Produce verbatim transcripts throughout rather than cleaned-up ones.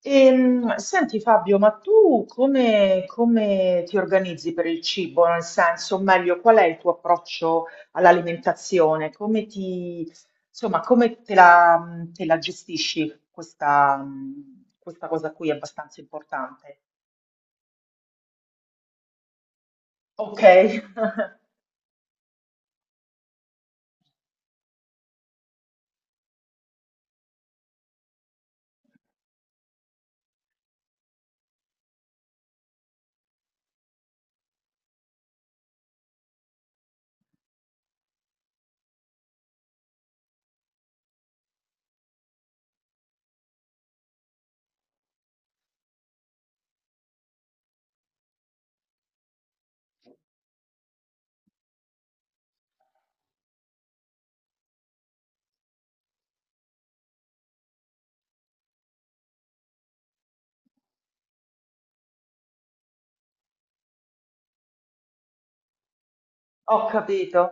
Ehm, senti Fabio, ma tu come, come ti organizzi per il cibo? Nel senso, o meglio, qual è il tuo approccio all'alimentazione? Come ti, insomma, come te la, te la gestisci questa, questa cosa qui è abbastanza importante. Ok, ho capito.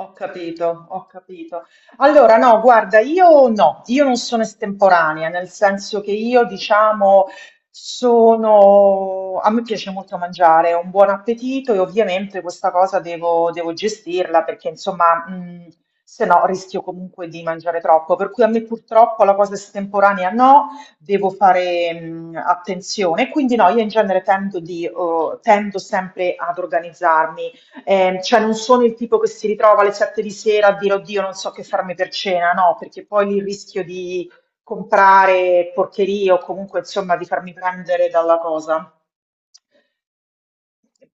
Ho capito, ho capito. Allora, no, guarda, io no, io non sono estemporanea, nel senso che io, diciamo, sono... A me piace molto mangiare, ho un buon appetito e ovviamente questa cosa devo, devo gestirla perché, insomma, mh, se no rischio comunque di mangiare troppo. Per cui a me purtroppo la cosa estemporanea no, devo fare, mh, attenzione. Quindi no, io in genere tendo di, eh, tendo sempre ad organizzarmi. Ehm, cioè non sono il tipo che si ritrova alle sette di sera a dire oddio non so che farmi per cena, no, perché poi lì rischio di comprare porcherie o comunque insomma di farmi prendere dalla cosa.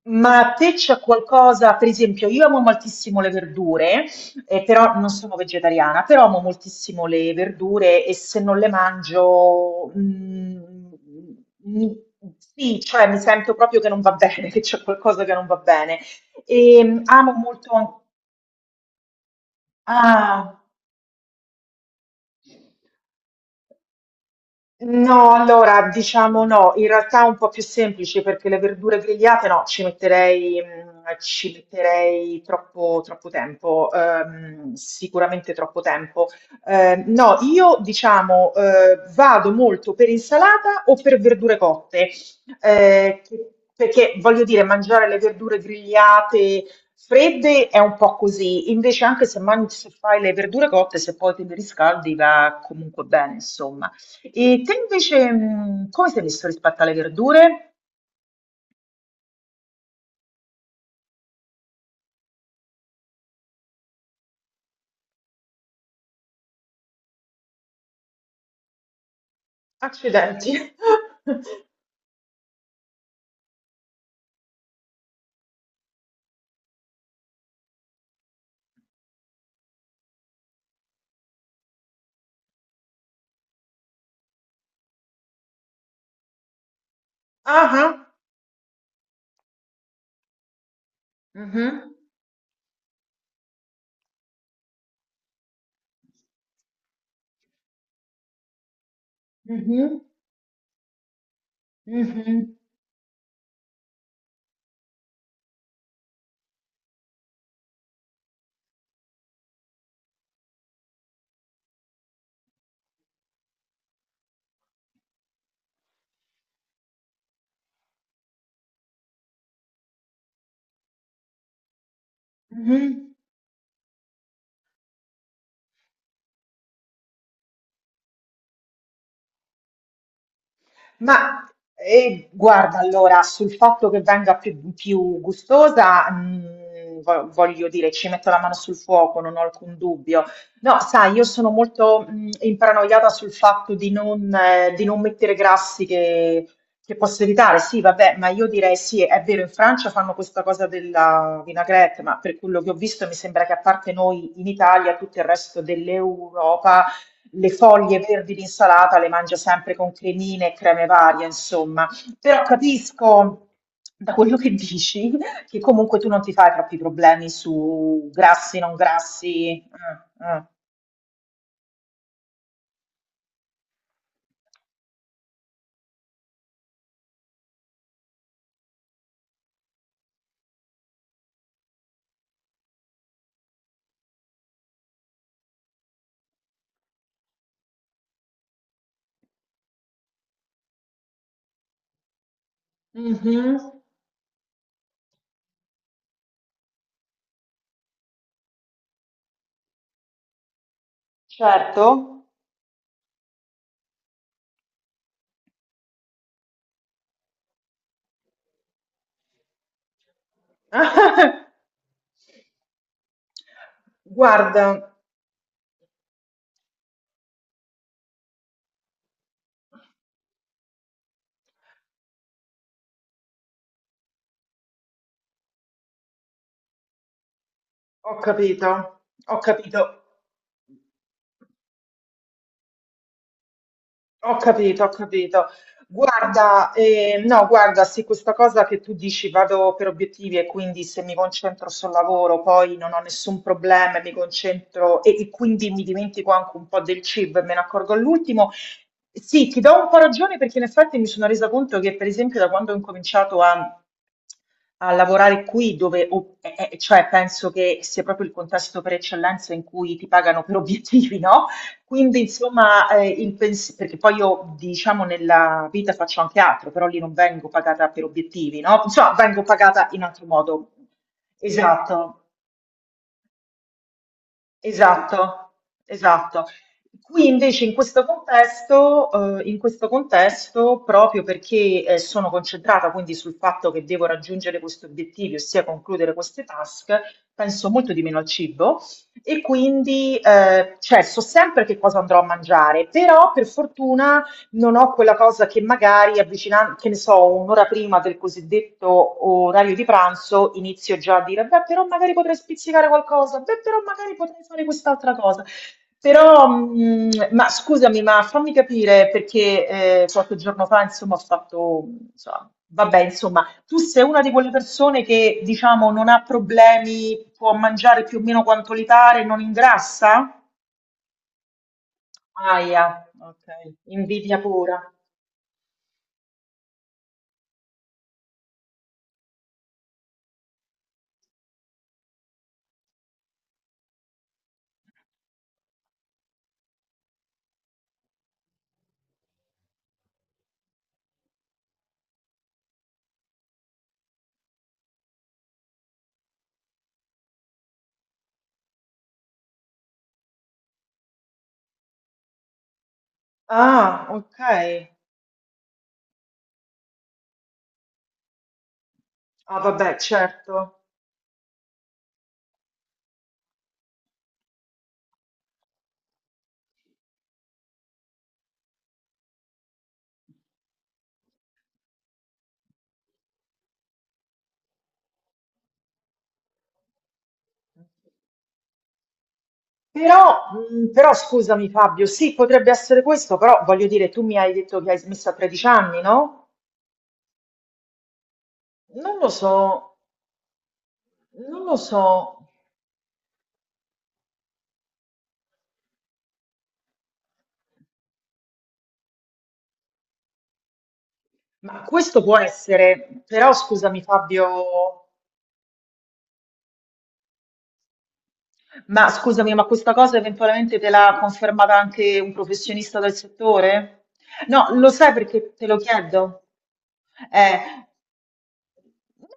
Ma a te c'è qualcosa? Per esempio, io amo moltissimo le verdure, eh, però non sono vegetariana, però amo moltissimo le verdure e se non le mangio, mm, mi- sì, cioè mi sento proprio che non va bene, che c'è qualcosa che non va bene. E mm, amo molto. Ah, no, allora diciamo no, in realtà è un po' più semplice perché le verdure grigliate no, ci metterei, mh, ci metterei troppo, troppo tempo, ehm, sicuramente troppo tempo. Eh, no, io diciamo eh, vado molto per insalata o per verdure cotte, eh, che- perché voglio dire, mangiare le verdure grigliate fredde è un po' così, invece anche se, mangi, se fai le verdure cotte, se poi te le riscaldi va comunque bene, insomma. E te invece, mh, come sei messo rispetto alle verdure? Accidenti. Ah, ah. Mhm, mhm, mhm, mhm. Ma eh, guarda, allora, sul fatto che venga più, più gustosa, mh, vo- voglio dire, ci metto la mano sul fuoco, non ho alcun dubbio. No, sai, io sono molto mh, imparanoiata sul fatto di non, eh, di non mettere grassi che, che posso evitare. Sì, vabbè, ma io direi sì, è vero, in Francia fanno questa cosa della vinaigrette, ma per quello che ho visto mi sembra che a parte noi in Italia, tutto il resto dell'Europa le foglie verdi di insalata le mangia sempre con cremine e creme varie, insomma. Però capisco da quello che dici che comunque tu non ti fai troppi problemi su grassi, non grassi. Mm, mm. Mhm. Certo. Guarda, ho capito, ho capito. Ho capito, ho capito. Guarda, eh, no, guarda, sì, questa cosa che tu dici vado per obiettivi e quindi se mi concentro sul lavoro poi non ho nessun problema, e mi concentro e, e quindi mi dimentico anche un po' del cibo e me ne accorgo all'ultimo. Sì, ti do un po' ragione perché in effetti mi sono resa conto che per esempio da quando ho incominciato a, a lavorare qui, dove, o- eh, eh, cioè penso che sia proprio il contesto per eccellenza in cui ti pagano per obiettivi, no? Quindi insomma, ehm, il pens perché poi io diciamo nella vita faccio anche altro, però lì non vengo pagata per obiettivi, no, insomma vengo pagata in altro modo. Esatto. Esatto, esatto. Qui invece in questo contesto, eh, in questo contesto, proprio perché eh, sono concentrata quindi sul fatto che devo raggiungere questi obiettivi, ossia concludere queste task, penso molto di meno al cibo e quindi eh, cioè, so sempre che cosa andrò a mangiare, però per fortuna non ho quella cosa che magari avvicina- che ne so, un'ora prima del cosiddetto orario di pranzo inizio già a dire, beh, però magari potrei spizzicare qualcosa, beh, però magari potrei fare quest'altra cosa. Però, mh, ma scusami, ma fammi capire perché eh, qualche giorno fa, insomma, ho fatto, insomma, vabbè, insomma, tu sei una di quelle persone che, diciamo, non ha problemi, può mangiare più o meno quanto gli pare, non ingrassa? Aia, ok, invidia pura. Ah, ok. Ah, vabbè, certo. Però, mh, però scusami Fabio, sì, potrebbe essere questo, però voglio dire, tu mi hai detto che hai smesso a tredici anni, no? Non lo so, non lo so, ma questo può essere, però scusami Fabio, ma scusami, ma questa cosa eventualmente te l'ha confermata anche un professionista del settore? No, lo sai perché te lo chiedo? Eh,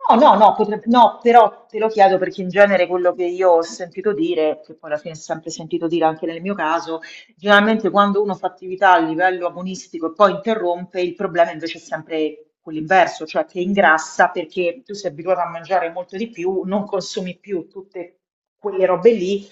No, no, no, potrebbe- no, però te lo chiedo perché in genere quello che io ho sentito dire, che poi alla fine ho sempre sentito dire anche nel mio caso, generalmente quando uno fa attività a livello agonistico e poi interrompe, il problema invece è sempre quell'inverso, cioè che ingrassa perché tu sei abituato a mangiare molto di più, non consumi più tutte quelle robe lì.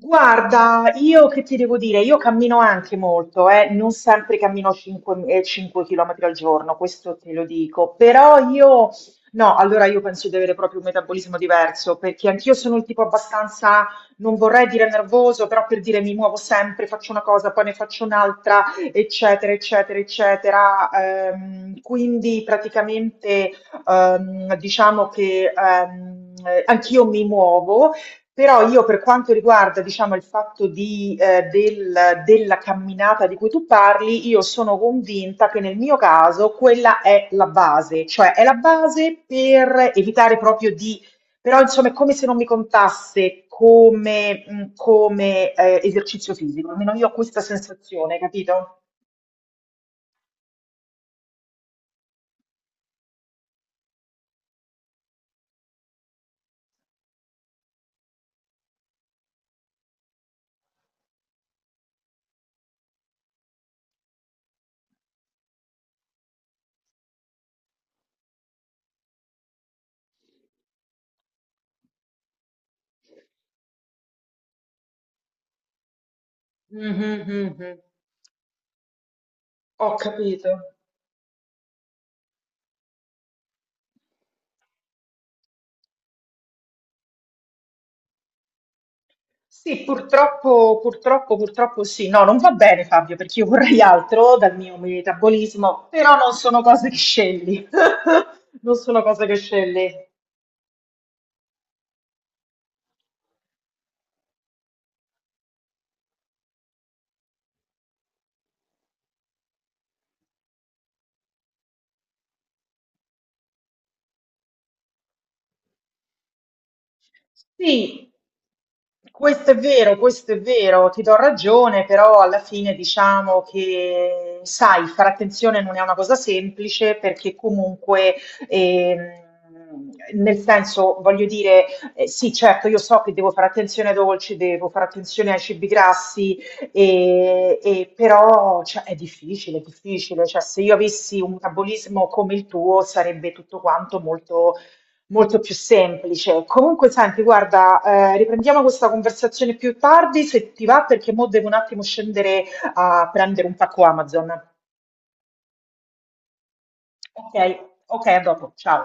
Guarda, io che ti devo dire, io cammino anche molto, eh, non sempre cammino cinque km al giorno, questo te lo dico, però io, no, allora io penso di avere proprio un metabolismo diverso, perché anch'io sono il tipo abbastanza, non vorrei dire nervoso, però per dire mi muovo sempre, faccio una cosa, poi ne faccio un'altra, eccetera, eccetera, eccetera. Ehm, quindi praticamente ehm, diciamo che ehm, eh, anch'io mi muovo. Però io per quanto riguarda, diciamo, il fatto di, eh, del- della camminata di cui tu parli, io sono convinta che nel mio caso quella è la base, cioè è la base per evitare proprio di, però insomma è come se non mi contasse come, mh, come, eh, esercizio fisico, almeno io ho questa sensazione, capito? Mhm, mhm. Ho capito. Sì, purtroppo, purtroppo, purtroppo sì. No, non va bene Fabio, perché io vorrei altro dal mio metabolismo, però non sono cose che scegli. Non sono cose che scegli. Sì, questo è vero, questo è vero, ti do ragione, però alla fine diciamo che, sai, fare attenzione non è una cosa semplice perché comunque, ehm, nel senso, voglio dire, eh, sì, certo, io so che devo fare attenzione ai dolci, devo fare attenzione ai cibi grassi, e, e però cioè, è difficile, è difficile, cioè se io avessi un metabolismo come il tuo sarebbe tutto quanto molto molto più semplice. Comunque, senti, guarda, eh, riprendiamo questa conversazione più tardi se ti va, perché mo devo un attimo scendere a prendere un pacco Amazon. Ok, ok, a dopo, ciao.